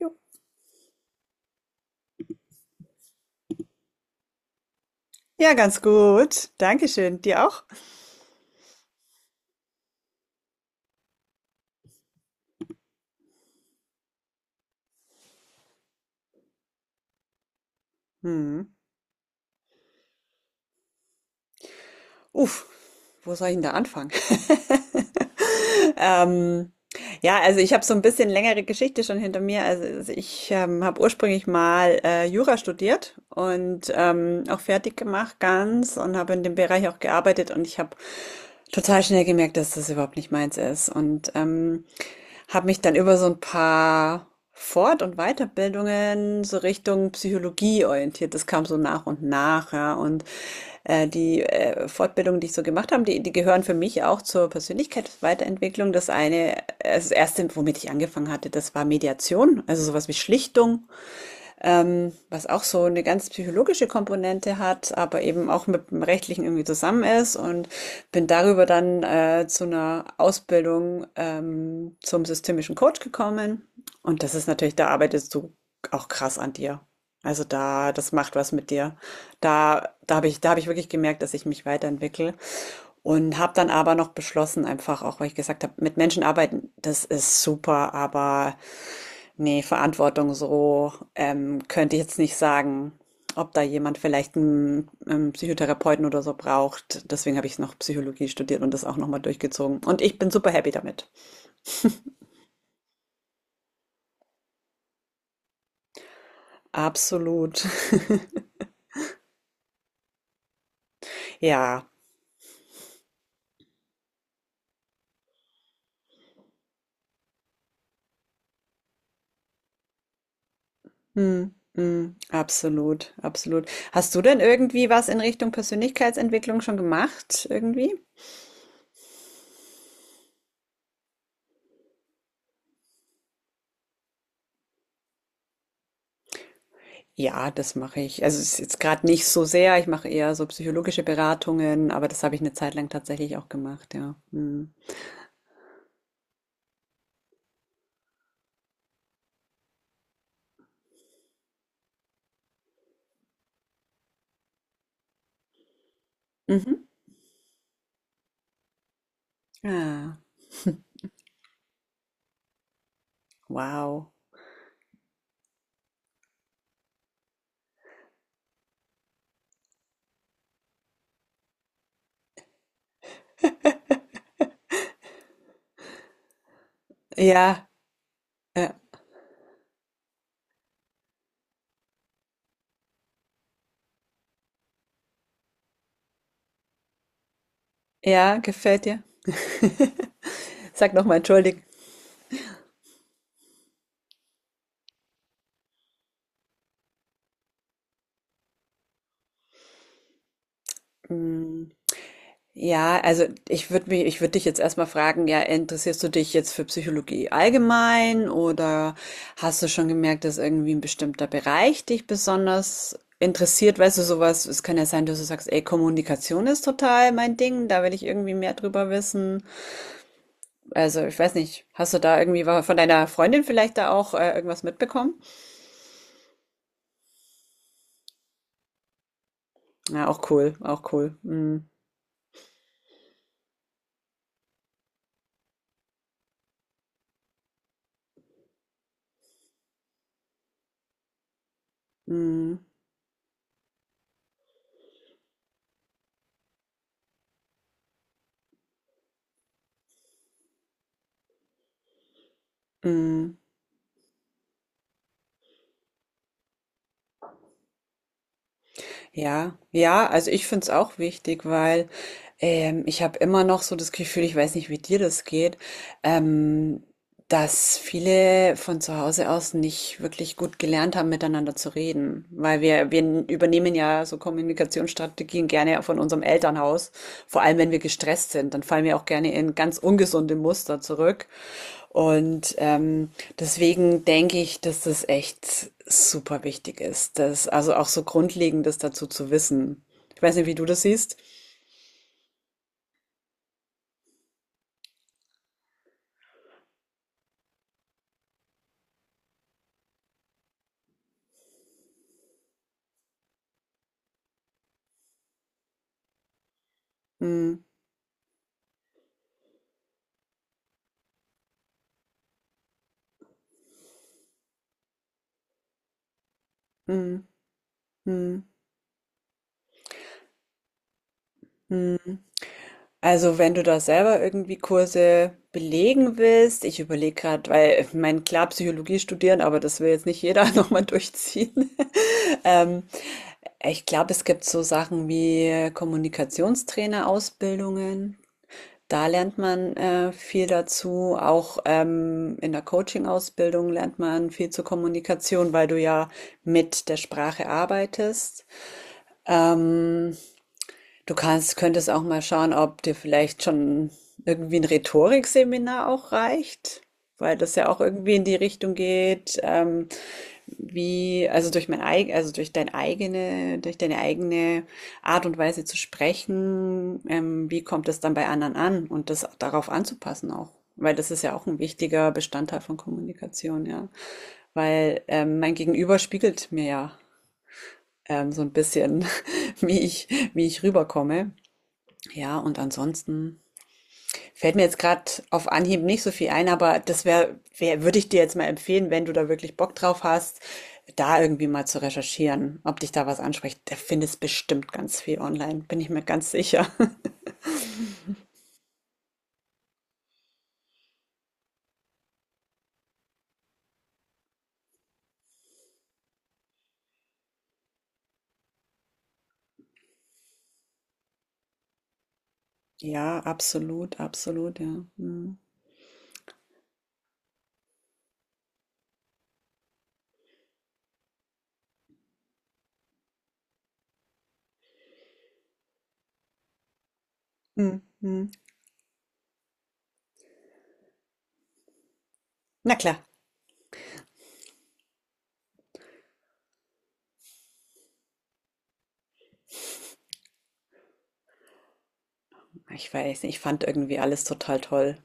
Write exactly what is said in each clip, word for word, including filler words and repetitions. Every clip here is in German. Jo. Ja, ganz gut. Dankeschön. Dir auch? Mhm. Uff, wo soll ich denn da anfangen? Ähm, ja, also ich habe so ein bisschen längere Geschichte schon hinter mir. Also, also ich, ähm, habe ursprünglich mal, äh, Jura studiert und, ähm, auch fertig gemacht ganz und habe in dem Bereich auch gearbeitet und ich habe total schnell gemerkt, dass das überhaupt nicht meins ist und, ähm, habe mich dann über so ein paar Fort und Weiterbildungen so Richtung Psychologie orientiert. Das kam so nach und nach, ja, und, äh, die, äh, Fortbildungen, die ich so gemacht habe, die die gehören für mich auch zur Persönlichkeitsweiterentwicklung. Das eine, äh das erste., womit ich angefangen hatte, das war Mediation, also sowas wie Schlichtung, ähm, was auch so eine ganz psychologische Komponente hat, aber eben auch mit dem Rechtlichen irgendwie zusammen ist, und bin darüber dann äh, zu einer Ausbildung ähm, zum systemischen Coach gekommen. Und das ist natürlich, da arbeitest du auch krass an dir. Also da, das macht was mit dir. Da, da habe ich, da habe ich wirklich gemerkt, dass ich mich weiterentwickle, und habe dann aber noch beschlossen, einfach auch, weil ich gesagt habe, mit Menschen arbeiten, das ist super, aber ne, Verantwortung so, ähm, könnte ich jetzt nicht sagen, ob da jemand vielleicht einen ähm, Psychotherapeuten oder so braucht. Deswegen habe ich noch Psychologie studiert und das auch noch mal durchgezogen. Und ich bin super happy damit. Absolut. Ja. Mhm. Mhm. Absolut, absolut. Hast du denn irgendwie was in Richtung Persönlichkeitsentwicklung schon gemacht irgendwie? Ja, das mache ich. Also, es ist jetzt gerade nicht so sehr. Ich mache eher so psychologische Beratungen, aber das habe ich eine Zeit lang tatsächlich auch gemacht, ja. Mhm. Mhm. Ah, wow. Ja, ja, ja, gefällt dir? Sag nochmal, entschuldigen. Mm, Ja, also ich würde mich, ich würde dich jetzt erstmal fragen, ja, interessierst du dich jetzt für Psychologie allgemein, oder hast du schon gemerkt, dass irgendwie ein bestimmter Bereich dich besonders interessiert? Weißt du, sowas, es kann ja sein, dass du sagst, ey, Kommunikation ist total mein Ding, da will ich irgendwie mehr drüber wissen. Also, ich weiß nicht, hast du da irgendwie wa- von deiner Freundin vielleicht da auch äh, irgendwas mitbekommen? Ja, auch cool, auch cool. Mhm. Mhm. Mhm. Ja, ja, also ich finde es auch wichtig, weil ähm, ich habe immer noch so das Gefühl, ich weiß nicht, wie dir das geht, ähm, dass viele von zu Hause aus nicht wirklich gut gelernt haben, miteinander zu reden. Weil wir, wir übernehmen ja so Kommunikationsstrategien gerne von unserem Elternhaus, vor allem wenn wir gestresst sind, dann fallen wir auch gerne in ganz ungesunde Muster zurück. Und ähm, deswegen denke ich, dass das echt super wichtig ist, das also auch so Grundlegendes dazu zu wissen. Ich weiß nicht, wie du das siehst. Hm, hm, hm, hm. Also wenn du da selber irgendwie Kurse belegen willst, ich überlege gerade, weil ich meine, klar Psychologie studieren, aber das will jetzt nicht jeder nochmal durchziehen. Ähm, ich glaube, es gibt so Sachen wie Kommunikationstrainer-Ausbildungen. Da lernt man äh, viel dazu. Auch ähm, in der Coaching-Ausbildung lernt man viel zur Kommunikation, weil du ja mit der Sprache arbeitest. Ähm, Du kannst könntest auch mal schauen, ob dir vielleicht schon irgendwie ein Rhetorikseminar auch reicht, weil das ja auch irgendwie in die Richtung geht, ähm, wie also, durch mein eigen also, durch dein eigene durch deine eigene Art und Weise zu sprechen, ähm, wie kommt es dann bei anderen an und das darauf anzupassen auch, weil das ist ja auch ein wichtiger Bestandteil von Kommunikation, ja. Weil, ähm, mein Gegenüber spiegelt mir ja, ähm, so ein bisschen, wie ich wie ich rüberkomme. Ja, und ansonsten fällt mir jetzt gerade auf Anhieb nicht so viel ein, aber das wäre, wär, würde ich dir jetzt mal empfehlen, wenn du da wirklich Bock drauf hast, da irgendwie mal zu recherchieren, ob dich da was anspricht. Da findest bestimmt ganz viel online, bin ich mir ganz sicher. Ja, absolut, absolut, ja. Hm, hm, hm. Na klar, ich weiß nicht, ich fand irgendwie alles total toll.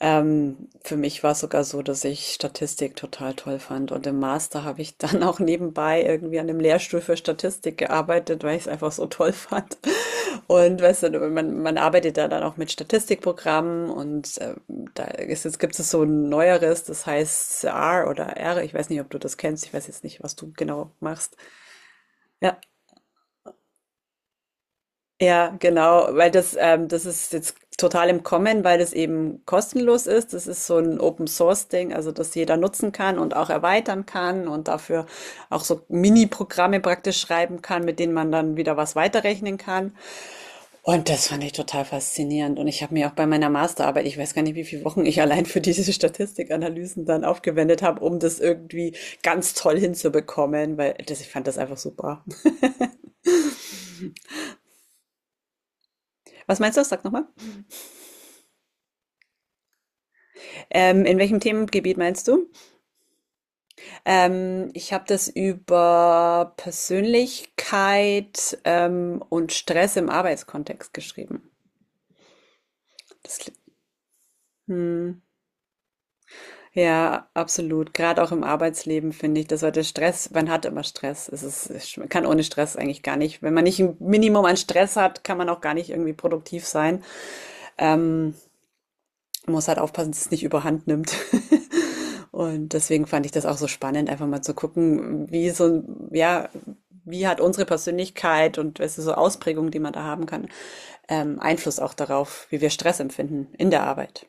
Ähm, für mich war's sogar so, dass ich Statistik total toll fand. Und im Master habe ich dann auch nebenbei irgendwie an einem Lehrstuhl für Statistik gearbeitet, weil ich es einfach so toll fand. Und weißt du, man, man arbeitet da dann auch mit Statistikprogrammen, und ähm, da ist jetzt gibt es so ein neueres, das heißt R oder R. Ich weiß nicht, ob du das kennst. Ich weiß jetzt nicht, was du genau machst. Ja. Ja, genau, weil das, ähm, das ist jetzt total im Kommen, weil das eben kostenlos ist. Das ist so ein Open Source Ding, also das jeder nutzen kann und auch erweitern kann und dafür auch so Mini-Programme praktisch schreiben kann, mit denen man dann wieder was weiterrechnen kann. Und das fand ich total faszinierend. Und ich habe mir auch bei meiner Masterarbeit, ich weiß gar nicht, wie viele Wochen ich allein für diese Statistikanalysen dann aufgewendet habe, um das irgendwie ganz toll hinzubekommen, weil das, ich fand das einfach super. Was meinst du? Sag nochmal. Ähm, in welchem Themengebiet meinst du? Ähm, ich habe das über Persönlichkeit, ähm, und Stress im Arbeitskontext geschrieben. Das, kli- hm, ja, absolut. Gerade auch im Arbeitsleben finde ich, dass heute Stress, man hat immer Stress. Es ist, es sch- man kann ohne Stress eigentlich gar nicht. Wenn man nicht ein Minimum an Stress hat, kann man auch gar nicht irgendwie produktiv sein. Hm. Man muss halt aufpassen, dass es nicht überhand nimmt. Und deswegen fand ich das auch so spannend, einfach mal zu gucken, wie so, ein- ja, wie hat unsere Persönlichkeit und weißt du, so Ausprägungen, die man da haben kann, ähm, Einfluss auch darauf, wie wir Stress empfinden in der Arbeit.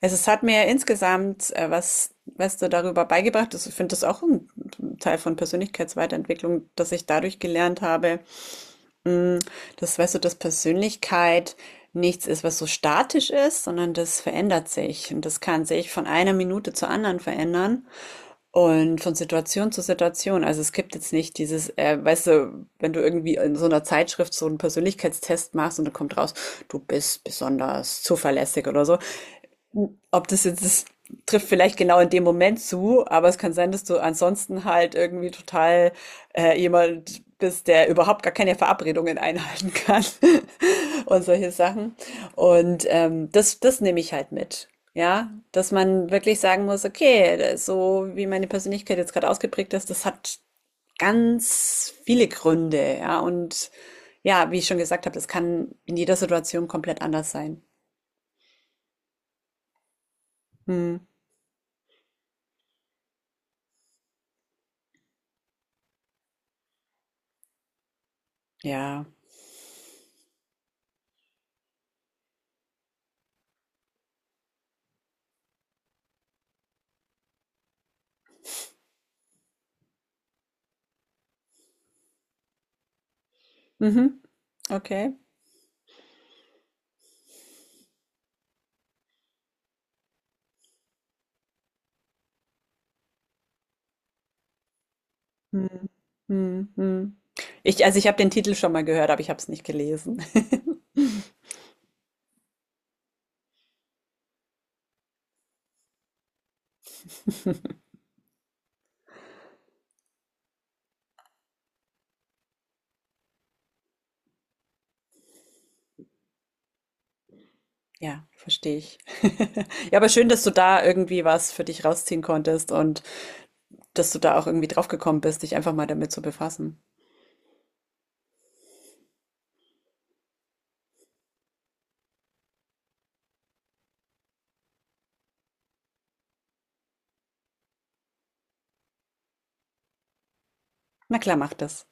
Also es hat mir insgesamt äh, was, was du darüber beigebracht hast. Ich finde das auch ein Teil von Persönlichkeitsweiterentwicklung, dass ich dadurch gelernt habe, hm, das weißt du, dass Persönlichkeit nichts ist, was so statisch ist, sondern das verändert sich. Und das kann sich von einer Minute zur anderen verändern und von Situation zu Situation. Also es gibt jetzt nicht dieses, äh, weißt du, wenn du irgendwie in so einer Zeitschrift so einen Persönlichkeitstest machst und dann kommt raus, du bist besonders zuverlässig oder so. Ob das jetzt, das trifft vielleicht genau in dem Moment zu, aber es kann sein, dass du ansonsten halt irgendwie total äh, jemand bist, der überhaupt gar keine Verabredungen einhalten kann, und solche Sachen. Und ähm, das, das nehme ich halt mit. Ja, dass man wirklich sagen muss, okay, so wie meine Persönlichkeit jetzt gerade ausgeprägt ist, das hat ganz viele Gründe. Ja, und ja, wie ich schon gesagt habe, das kann in jeder Situation komplett anders sein. Hm, ja. Mhm. Okay. Hm. Hm, hm. Ich, also ich habe den Titel schon mal gehört, aber ich habe es nicht gelesen. Ja, verstehe ich. Ja, aber schön, dass du da irgendwie was für dich rausziehen konntest und dass du da auch irgendwie drauf gekommen bist, dich einfach mal damit zu befassen. Na klar, mach das.